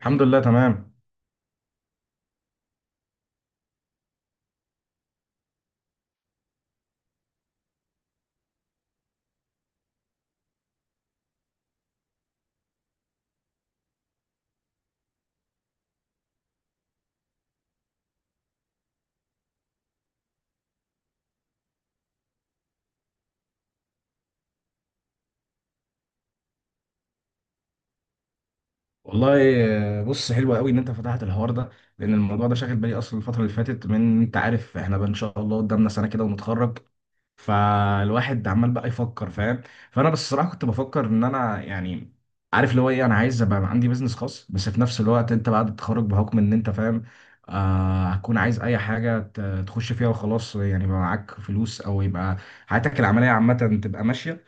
الحمد لله تمام. والله، آه، بص، حلو قوي ان انت فتحت الحوار ده. لان الموضوع ده شاغل بالي اصلا الفتره اللي فاتت. من انت عارف احنا بقى ان شاء الله قدامنا سنه كده ونتخرج. فالواحد عمال بقى يفكر، فاهم؟ فانا بس الصراحه كنت بفكر ان انا يعني عارف اللي هو ايه، انا عايز ابقى عندي بيزنس خاص. بس في نفس الوقت انت بعد التخرج بحكم ان انت فاهم، آه، هتكون عايز اي حاجه تخش فيها وخلاص، يعني يبقى معاك فلوس او يبقى حياتك العمليه عامه تبقى ماشيه.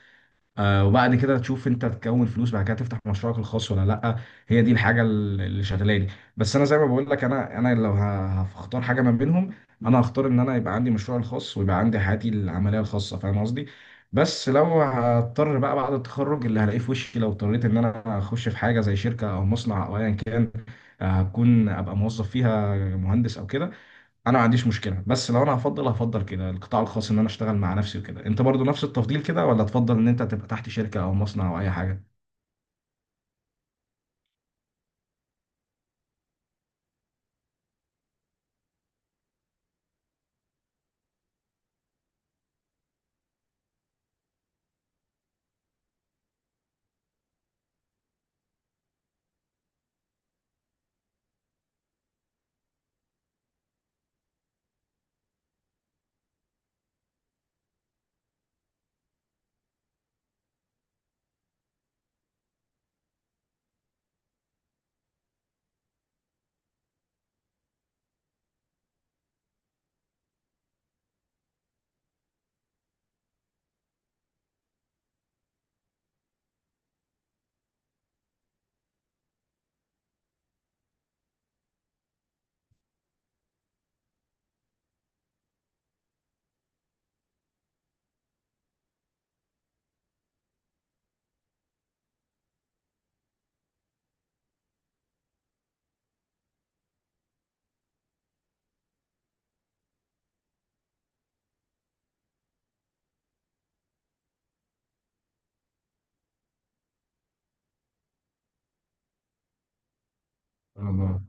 آه، وبعد كده تشوف انت تكون فلوس بعد كده تفتح مشروعك الخاص ولا لا. هي دي الحاجه اللي شغلاني. بس انا زي ما بقول لك انا لو هختار حاجه ما بينهم. انا هختار ان انا يبقى عندي مشروع الخاص ويبقى عندي حياتي العمليه الخاصه، فاهم قصدي؟ بس لو هضطر بقى بعد التخرج اللي هلاقيه في وشي، لو اضطريت ان انا اخش في حاجه زي شركه او مصنع او ايا كان، آه، هكون ابقى موظف فيها مهندس او كده. انا ما عنديش مشكله. بس لو انا هفضل كده القطاع الخاص ان انا اشتغل مع نفسي وكده، انت برضو نفس التفضيل كده ولا تفضل ان انت تبقى تحت شركه او مصنع او اي حاجه؟ الله.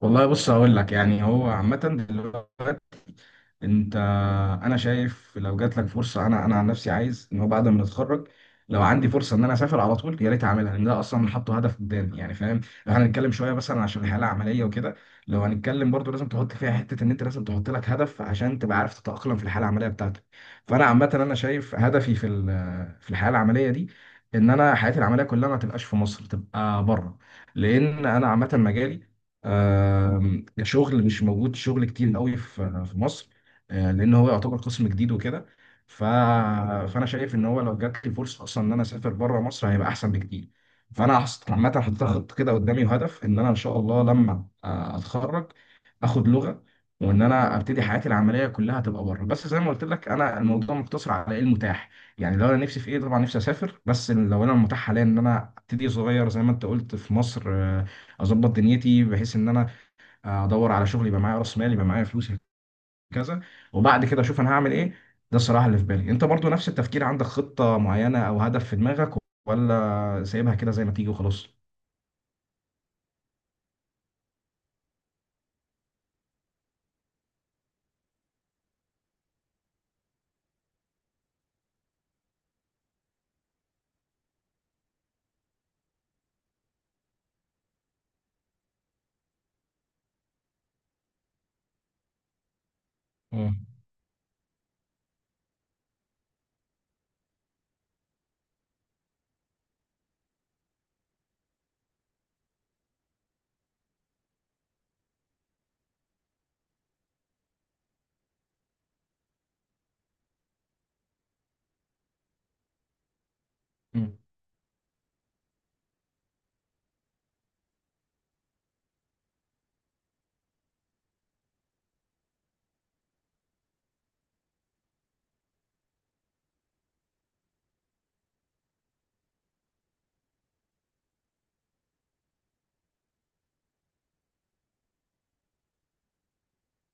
والله، بص هقول لك، يعني هو عامه دلوقتي، انت، انا شايف لو جات لك فرصه، انا عن نفسي عايز ان هو بعد ما نتخرج لو عندي فرصه ان انا اسافر على طول يا ريت اعملها، لان ده اصلا حاطه هدف قدامي، يعني فاهم؟ لو هنتكلم شويه مثلا عشان الحاله العمليه وكده، لو هنتكلم برضو لازم تحط فيها حته ان انت لازم تحط لك هدف عشان تبقى عارف تتاقلم في الحاله العمليه بتاعتك. فانا عامه انا شايف هدفي في في الحياه العمليه دي ان انا حياتي العمليه كلها ما تبقاش في مصر، تبقى بره. لان انا عامه مجالي، كشغل مش موجود شغل كتير قوي في مصر. آه، لان هو يعتبر قسم جديد وكده. ف... فانا شايف ان هو لو جات لي فرصه اصلا ان انا اسافر بره مصر هيبقى احسن بكتير. فانا عامه حطيت خطه كده قدامي وهدف ان انا ان شاء الله لما، آه، اتخرج، اخد لغه وان انا ابتدي حياتي العمليه كلها تبقى بره. بس زي ما قلت لك انا الموضوع مقتصر على ايه المتاح. يعني لو انا نفسي في ايه طبعا نفسي اسافر، بس لو انا المتاح حاليا ان انا ابتدي صغير زي ما انت قلت في مصر، آه، اظبط دنيتي بحيث ان انا، آه، ادور على شغل، يبقى معايا راس مال، يبقى معايا فلوس، كذا. وبعد كده اشوف انا هعمل ايه. ده الصراحه اللي في بالي. انت برضو نفس التفكير؟ عندك خطه معينه او هدف في دماغك ولا سايبها كده زي ما تيجي وخلاص؟ مم. مم.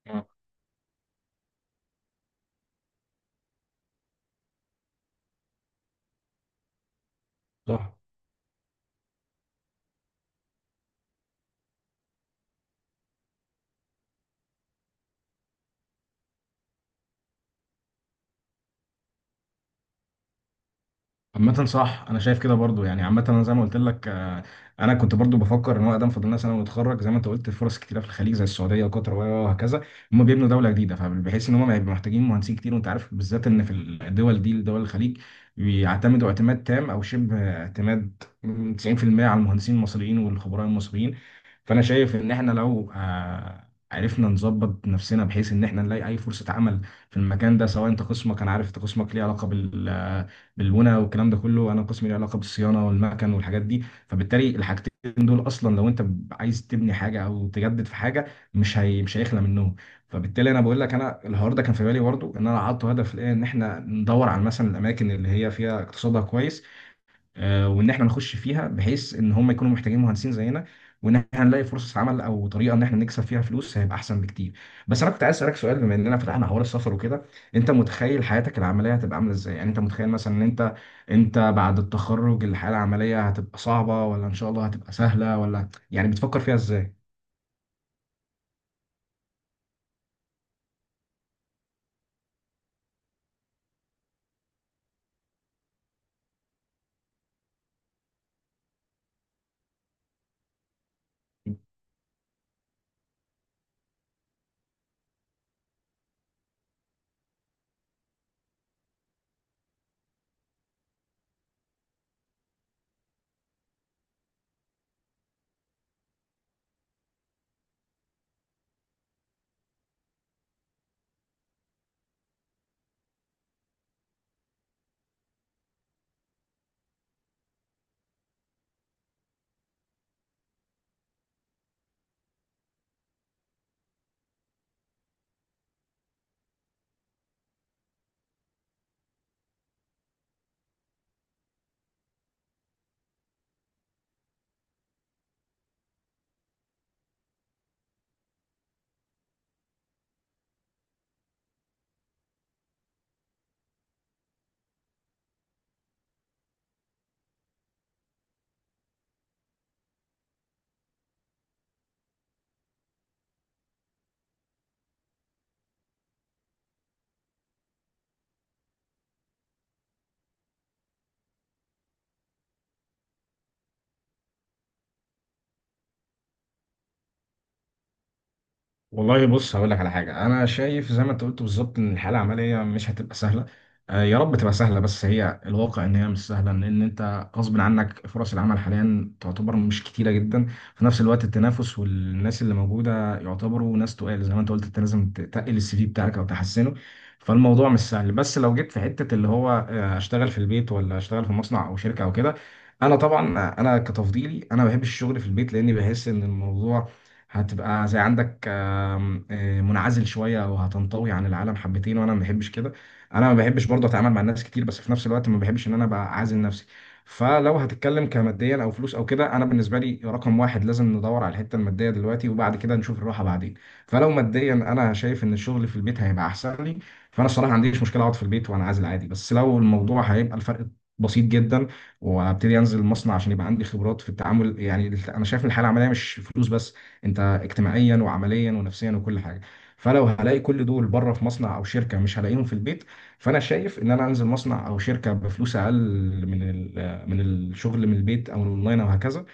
مم. صح. عامة صح، أنا شايف كده برضو يعني. عامة أنا زي ما قلت لك، آه، أنا كنت برضو بفكر إن هو أقدم فاضل لنا سنة ونتخرج، زي ما أنت قلت فرص كتيرة في الخليج زي السعودية وقطر وهكذا. هم بيبنوا دولة جديدة فبحيث إن هم هيبقوا محتاجين مهندسين كتير. وأنت عارف بالذات إن في الدول دي دول الخليج بيعتمدوا اعتماد تام أو شبه اعتماد 90% على المهندسين المصريين والخبراء المصريين. فأنا شايف إن إحنا لو، آه، عرفنا نظبط نفسنا بحيث إن إحنا نلاقي أي فرصة عمل في المكان ده، سواء أنت قسمك، أنا عارف أنت قسمك ليه علاقة بالبنى والكلام ده كله، انا قسمي له علاقه بالصيانه والمكن والحاجات دي. فبالتالي الحاجتين دول اصلا لو انت عايز تبني حاجه او تجدد في حاجه، مش هيخلى منهم. فبالتالي انا بقول لك، انا الهارد ده كان في بالي برضه ان انا حاطه هدف الان ان احنا ندور على مثلا الاماكن اللي هي فيها اقتصادها كويس، آه، وان احنا نخش فيها بحيث ان هم يكونوا محتاجين مهندسين زينا، وان احنا نلاقي فرصة عمل او طريقة ان احنا نكسب فيها فلوس هيبقى احسن بكتير. بس انا كنت عايز اسالك سؤال، بما اننا فتحنا حوار السفر وكده، انت متخيل حياتك العملية هتبقى عاملة ازاي؟ يعني انت متخيل مثلا ان انت، انت بعد التخرج الحياة العملية هتبقى صعبة ولا ان شاء الله هتبقى سهلة ولا يعني بتفكر فيها ازاي؟ والله بص هقول لك على حاجه، انا شايف زي ما انت قلت بالظبط ان الحاله العمليه مش هتبقى سهله. آه، يا رب تبقى سهله، بس هي الواقع ان هي مش سهله. لان انت غصب عنك فرص العمل حاليا تعتبر مش كتيره جدا. في نفس الوقت التنافس والناس اللي موجوده يعتبروا ناس تقال، زي ما انت قلت انت لازم تقل السي في بتاعك او تحسنه. فالموضوع مش سهل. بس لو جيت في حته اللي هو، آه، اشتغل في البيت ولا اشتغل في مصنع او شركه او كده، انا طبعا، آه، انا كتفضيلي انا بحب الشغل في البيت، لان بحس ان الموضوع هتبقى زي عندك، آه، منعزل شويه او هتنطوي عن العالم حبتين، وانا ما بحبش كده. انا ما بحبش برضه اتعامل مع الناس كتير، بس في نفس الوقت ما بحبش ان انا ابقى عازل نفسي. فلو هتتكلم كماديا او فلوس او كده، انا بالنسبه لي رقم واحد لازم ندور على الحته الماديه دلوقتي وبعد كده نشوف الراحه بعدين. فلو ماديا انا شايف ان الشغل في البيت هيبقى احسن لي. فانا الصراحه ما عنديش مشكله اقعد في البيت وانا عازل عادي، بس لو الموضوع هيبقى الفرق بسيط جدا، وابتدي انزل المصنع عشان يبقى عندي خبرات في التعامل، يعني انا شايف ان الحاله العمليه مش فلوس بس، انت اجتماعيا وعمليا ونفسيا وكل حاجه. فلو هلاقي كل دول بره في مصنع او شركه مش هلاقيهم في البيت. فانا شايف ان انا انزل مصنع او شركه بفلوس اقل من من الشغل من البيت او الاونلاين او هكذا،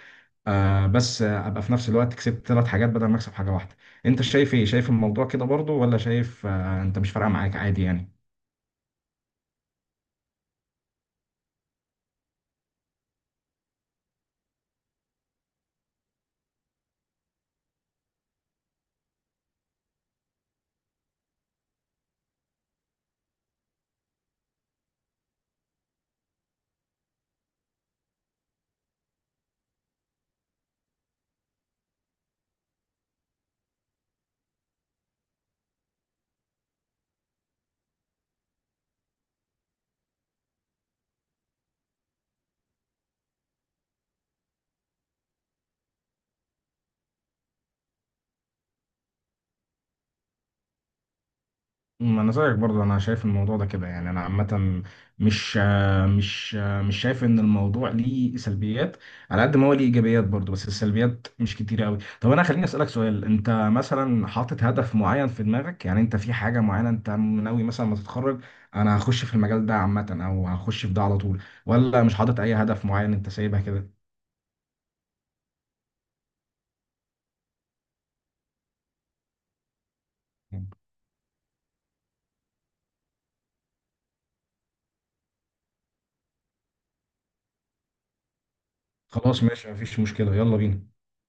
آه، بس آه، ابقى في نفس الوقت كسبت ثلاث حاجات بدل ما اكسب حاجه واحده. انت شايف ايه؟ شايف الموضوع كده برضو ولا شايف، آه، انت مش فارقه معاك عادي يعني؟ ما انا زيك برضو، انا شايف الموضوع ده كده يعني. انا عامه مش مش شايف ان الموضوع ليه سلبيات على قد ما هو ليه ايجابيات برضو، بس السلبيات مش كتيره قوي. طب انا خليني اسالك سؤال، انت مثلا حاطط هدف معين في دماغك؟ يعني انت في حاجه معينه انت ناوي مثلا ما تتخرج انا هخش في المجال ده عامه او هخش في ده على طول، ولا مش حاطط اي هدف معين انت سايبها كده؟ خلاص، ماشي، مفيش مشكله، يلا بينا.